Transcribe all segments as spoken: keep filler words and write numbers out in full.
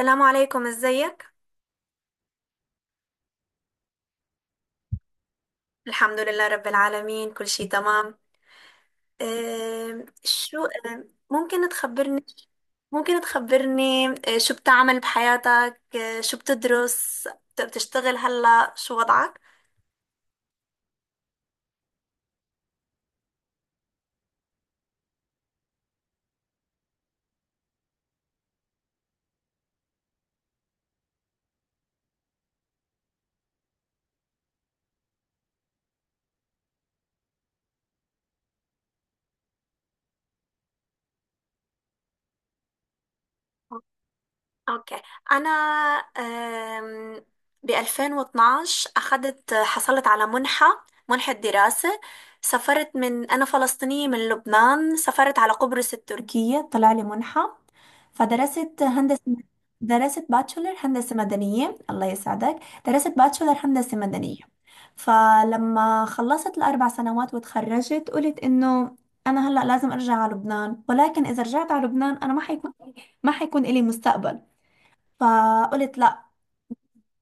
السلام عليكم، ازيك؟ الحمد لله رب العالمين، كل شيء تمام. أم، شو أم، ممكن تخبرني، ممكن تخبرني أه، شو بتعمل بحياتك، أه، شو بتدرس، بت- بتشتغل؟ هلا شو وضعك؟ اوكي. انا أم، ب ألفين واثنا عشر اخذت حصلت على منحة منحة دراسة. سافرت، من انا فلسطينية من لبنان، سافرت على قبرص التركية، طلع لي منحة فدرست هندسة. درست باتشولر هندسة مدنية. الله يسعدك. درست باتشولر هندسة مدنية. فلما خلصت الأربع سنوات وتخرجت قلت إنه أنا هلأ لازم أرجع على لبنان، ولكن إذا رجعت على لبنان أنا ما حيكون ما حيكون إلي مستقبل. فقلت لأ،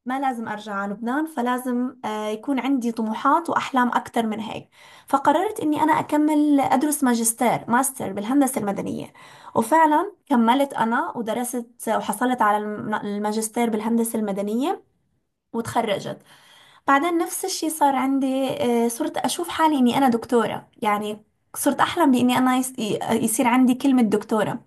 ما لازم أرجع على لبنان، فلازم آه، يكون عندي طموحات وأحلام أكثر من هيك. فقررت إني أنا أكمل أدرس ماجستير، ماستر بالهندسة المدنية، وفعلا كملت أنا ودرست وحصلت على الم- الماجستير بالهندسة المدنية وتخرجت. بعدين نفس الشي صار عندي، آه، صرت أشوف حالي إني أنا دكتورة يعني، صرت أحلم بإني أنا يس- ي- يصير عندي كلمة دكتورة.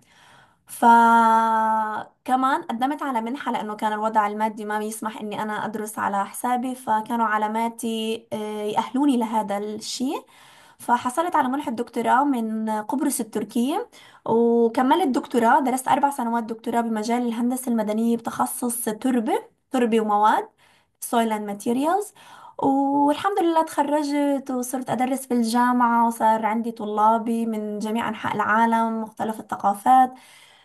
فكمان قدمت على منحة، لأنه كان الوضع المادي ما بيسمح إني أنا أدرس على حسابي، فكانوا علاماتي آه، يأهلوني لهذا الشيء. فحصلت على منحة دكتوراه من قبرص التركية، وكملت دكتوراه، درست أربع سنوات دكتوراه بمجال الهندسة المدنية بتخصص تربة، تربة ومواد، soil and materials. والحمد لله تخرجت وصرت أدرس في الجامعة، وصار عندي طلابي من جميع أنحاء العالم، مختلف الثقافات.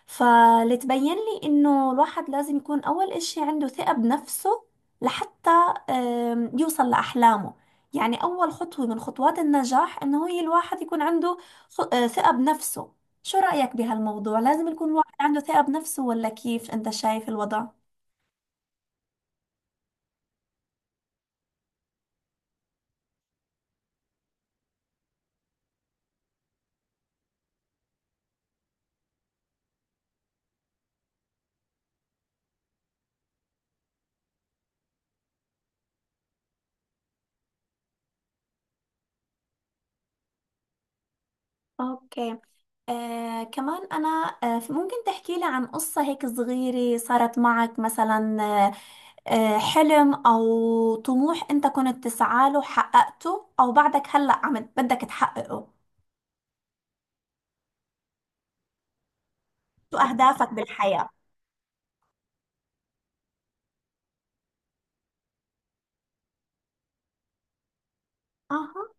فلتبين لي انه الواحد لازم يكون اول اشي عنده ثقة بنفسه لحتى آم، يوصل لأحلامه. يعني اول خطوة من خطوات النجاح انه هي الواحد يكون عنده خ- آه، ثقة بنفسه. شو رأيك بهالموضوع؟ لازم يكون الواحد عنده ثقة بنفسه، ولا كيف انت شايف الوضع؟ اوكي. آه، كمان أنا، آه، ممكن تحكي لي عن قصة هيك صغيرة صارت معك مثلا، آه، حلم أو طموح أنت كنت تسعى له حققته، أو بعدك هلأ عم بدك تحققه؟ شو أهدافك بالحياة؟ أها.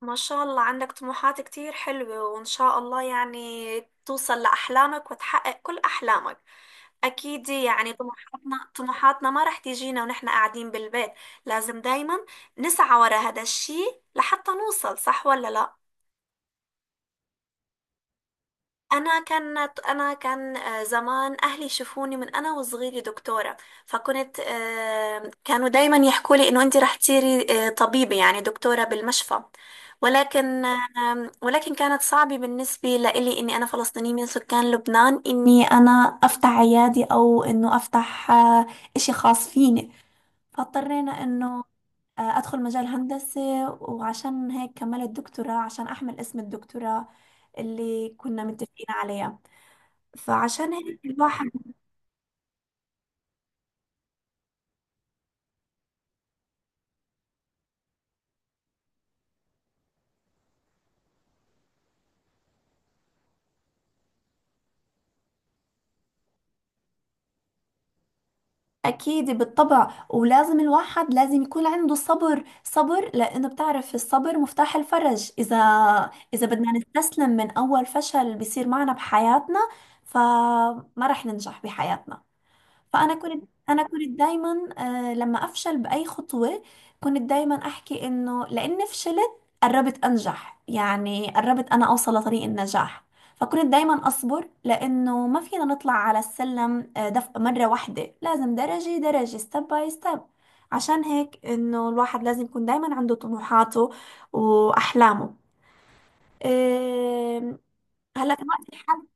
ما شاء الله عندك طموحات كتير حلوة، وإن شاء الله يعني توصل لأحلامك وتحقق كل أحلامك. أكيد يعني طموحاتنا طموحاتنا ما رح تيجينا ونحن قاعدين بالبيت، لازم دايما نسعى ورا هذا الشي لحتى نوصل، صح ولا لا؟ أنا كانت أنا كان آه، زمان أهلي يشوفوني من أنا وصغيرة دكتورة، فكنت آه، كانوا دايما يحكوا لي إنه أنت رح تصيري آه، طبيبة يعني دكتورة بالمشفى. ولكن آم، ولكن كانت صعبة بالنسبة لإلي إني أنا فلسطينية من سكان لبنان، إني أنا أفتح عيادي أو إنه أفتح آه، إشي خاص فيني. فاضطرينا إنه آه، أدخل مجال هندسة، وعشان هيك كملت دكتوراه عشان أحمل اسم الدكتوراه اللي كنا متفقين عليها. فعشان هيك الواحد أكيد بالطبع، ولازم الواحد لازم يكون عنده صبر، صبر، لأنه بتعرف الصبر مفتاح الفرج. إذا إذا بدنا نستسلم من أول فشل بيصير معنا بحياتنا، فما رح ننجح بحياتنا. فانا كنت انا كنت دايما آه لما افشل باي خطوه، كنت دايما احكي انه لاني فشلت قربت انجح، يعني قربت انا اوصل لطريق النجاح. فكنت دايما اصبر لانه ما فينا نطلع على السلم آه، دف مره واحده، لازم درجه درجه، ستيب باي ستيب. عشان هيك انه الواحد لازم يكون دايما عنده طموحاته واحلامه. آه، هلا كمان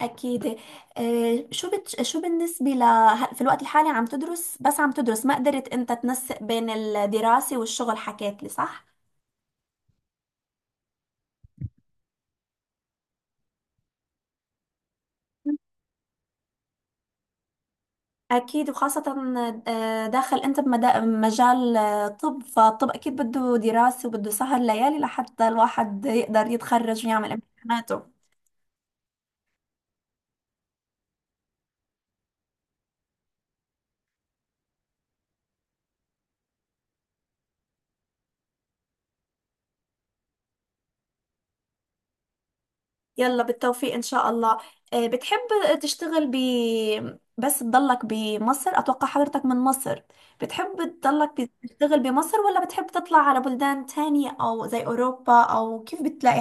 أكيد. آه، شو بت... شو بالنسبة ل هل- في الوقت الحالي عم تدرس، بس عم تدرس، ما قدرت أنت تنسق بين الدراسة والشغل، حكيت لي صح؟ أكيد، وخاصة آه، داخل أنت بمدا- بمجال آه، طب، فالطب أكيد بده دراسة وبده سهر ليالي لحتى الواحد يقدر يتخرج ويعمل امتحاناته. يلا بالتوفيق ان شاء الله. آه، بتحب تشتغل ب بس تضلك بمصر، اتوقع حضرتك من مصر، بتحب تضلك ب- تشتغل بمصر، ولا بتحب تطلع على بلدان تانية او زي اوروبا، او كيف بتلاقي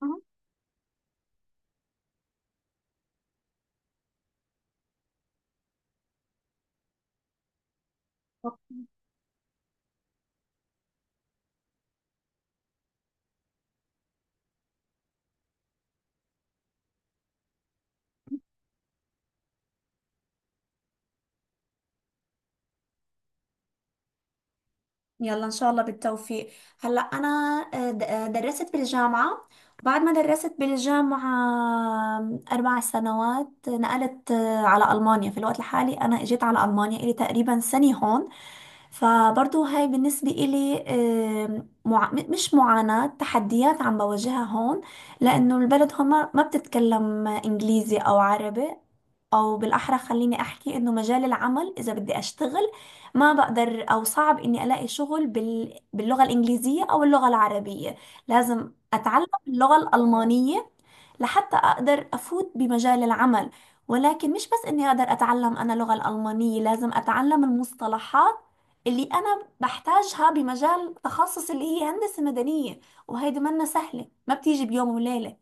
حالك؟ يلا ان شاء الله بالتوفيق. هلا انا آه، د- آه، درست بالجامعه، وبعد ما درست بالجامعه اربع سنوات نقلت آه، على المانيا. في الوقت الحالي انا اجيت على المانيا الي تقريبا سنه هون. فبرضو هاي بالنسبه الي آه، مع... م- مش معاناه، تحديات عم بواجهها هون، لانه البلد هون ما ما بتتكلم انجليزي او عربي، او بالاحرى خليني احكي انه مجال العمل، اذا بدي اشتغل ما بقدر، او صعب اني الاقي شغل بال... باللغة الانجليزية او اللغة العربية، لازم اتعلم اللغة الالمانية لحتى اقدر افوت بمجال العمل. ولكن مش بس اني اقدر اتعلم انا اللغة الالمانية، لازم اتعلم المصطلحات اللي انا بحتاجها بمجال تخصص اللي هي هندسة مدنية، وهيدي منا سهلة، ما بتيجي بيوم وليلة.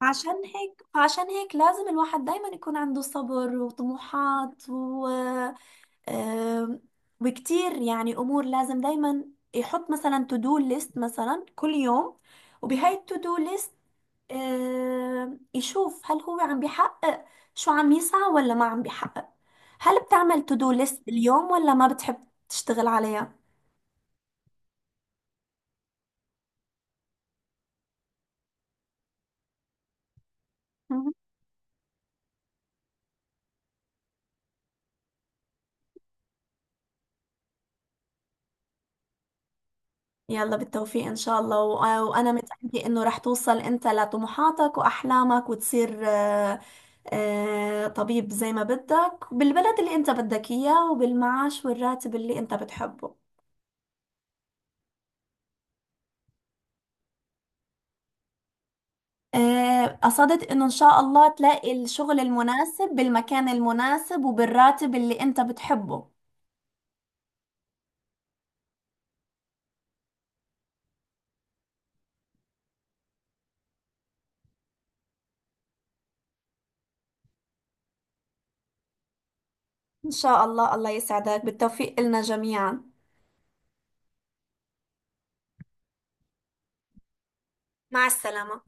فعشان هيك فعشان هيك لازم الواحد دايما يكون عنده صبر وطموحات و... أم، وكتير يعني امور، لازم دايما يحط مثلا تو دو ليست مثلا كل يوم، وبهاي التو دو ليست يشوف هل هو عم بيحقق شو عم يسعى ولا ما عم بيحقق. هل بتعمل تو دو ليست باليوم، ولا ما بتحب تشتغل عليها؟ يلا بالتوفيق إن شاء الله، و- آه، وأنا متأكدة إنه رح توصل أنت لطموحاتك وأحلامك وتصير آه، آه، طبيب زي ما بدك، بالبلد اللي أنت بدك إياه وبالمعاش والراتب اللي أنت بتحبه. آه، قصدت إنه إن شاء الله تلاقي الشغل المناسب بالمكان المناسب وبالراتب اللي أنت بتحبه. إن شاء الله. الله يسعدك، بالتوفيق لنا جميعا. مع السلامة.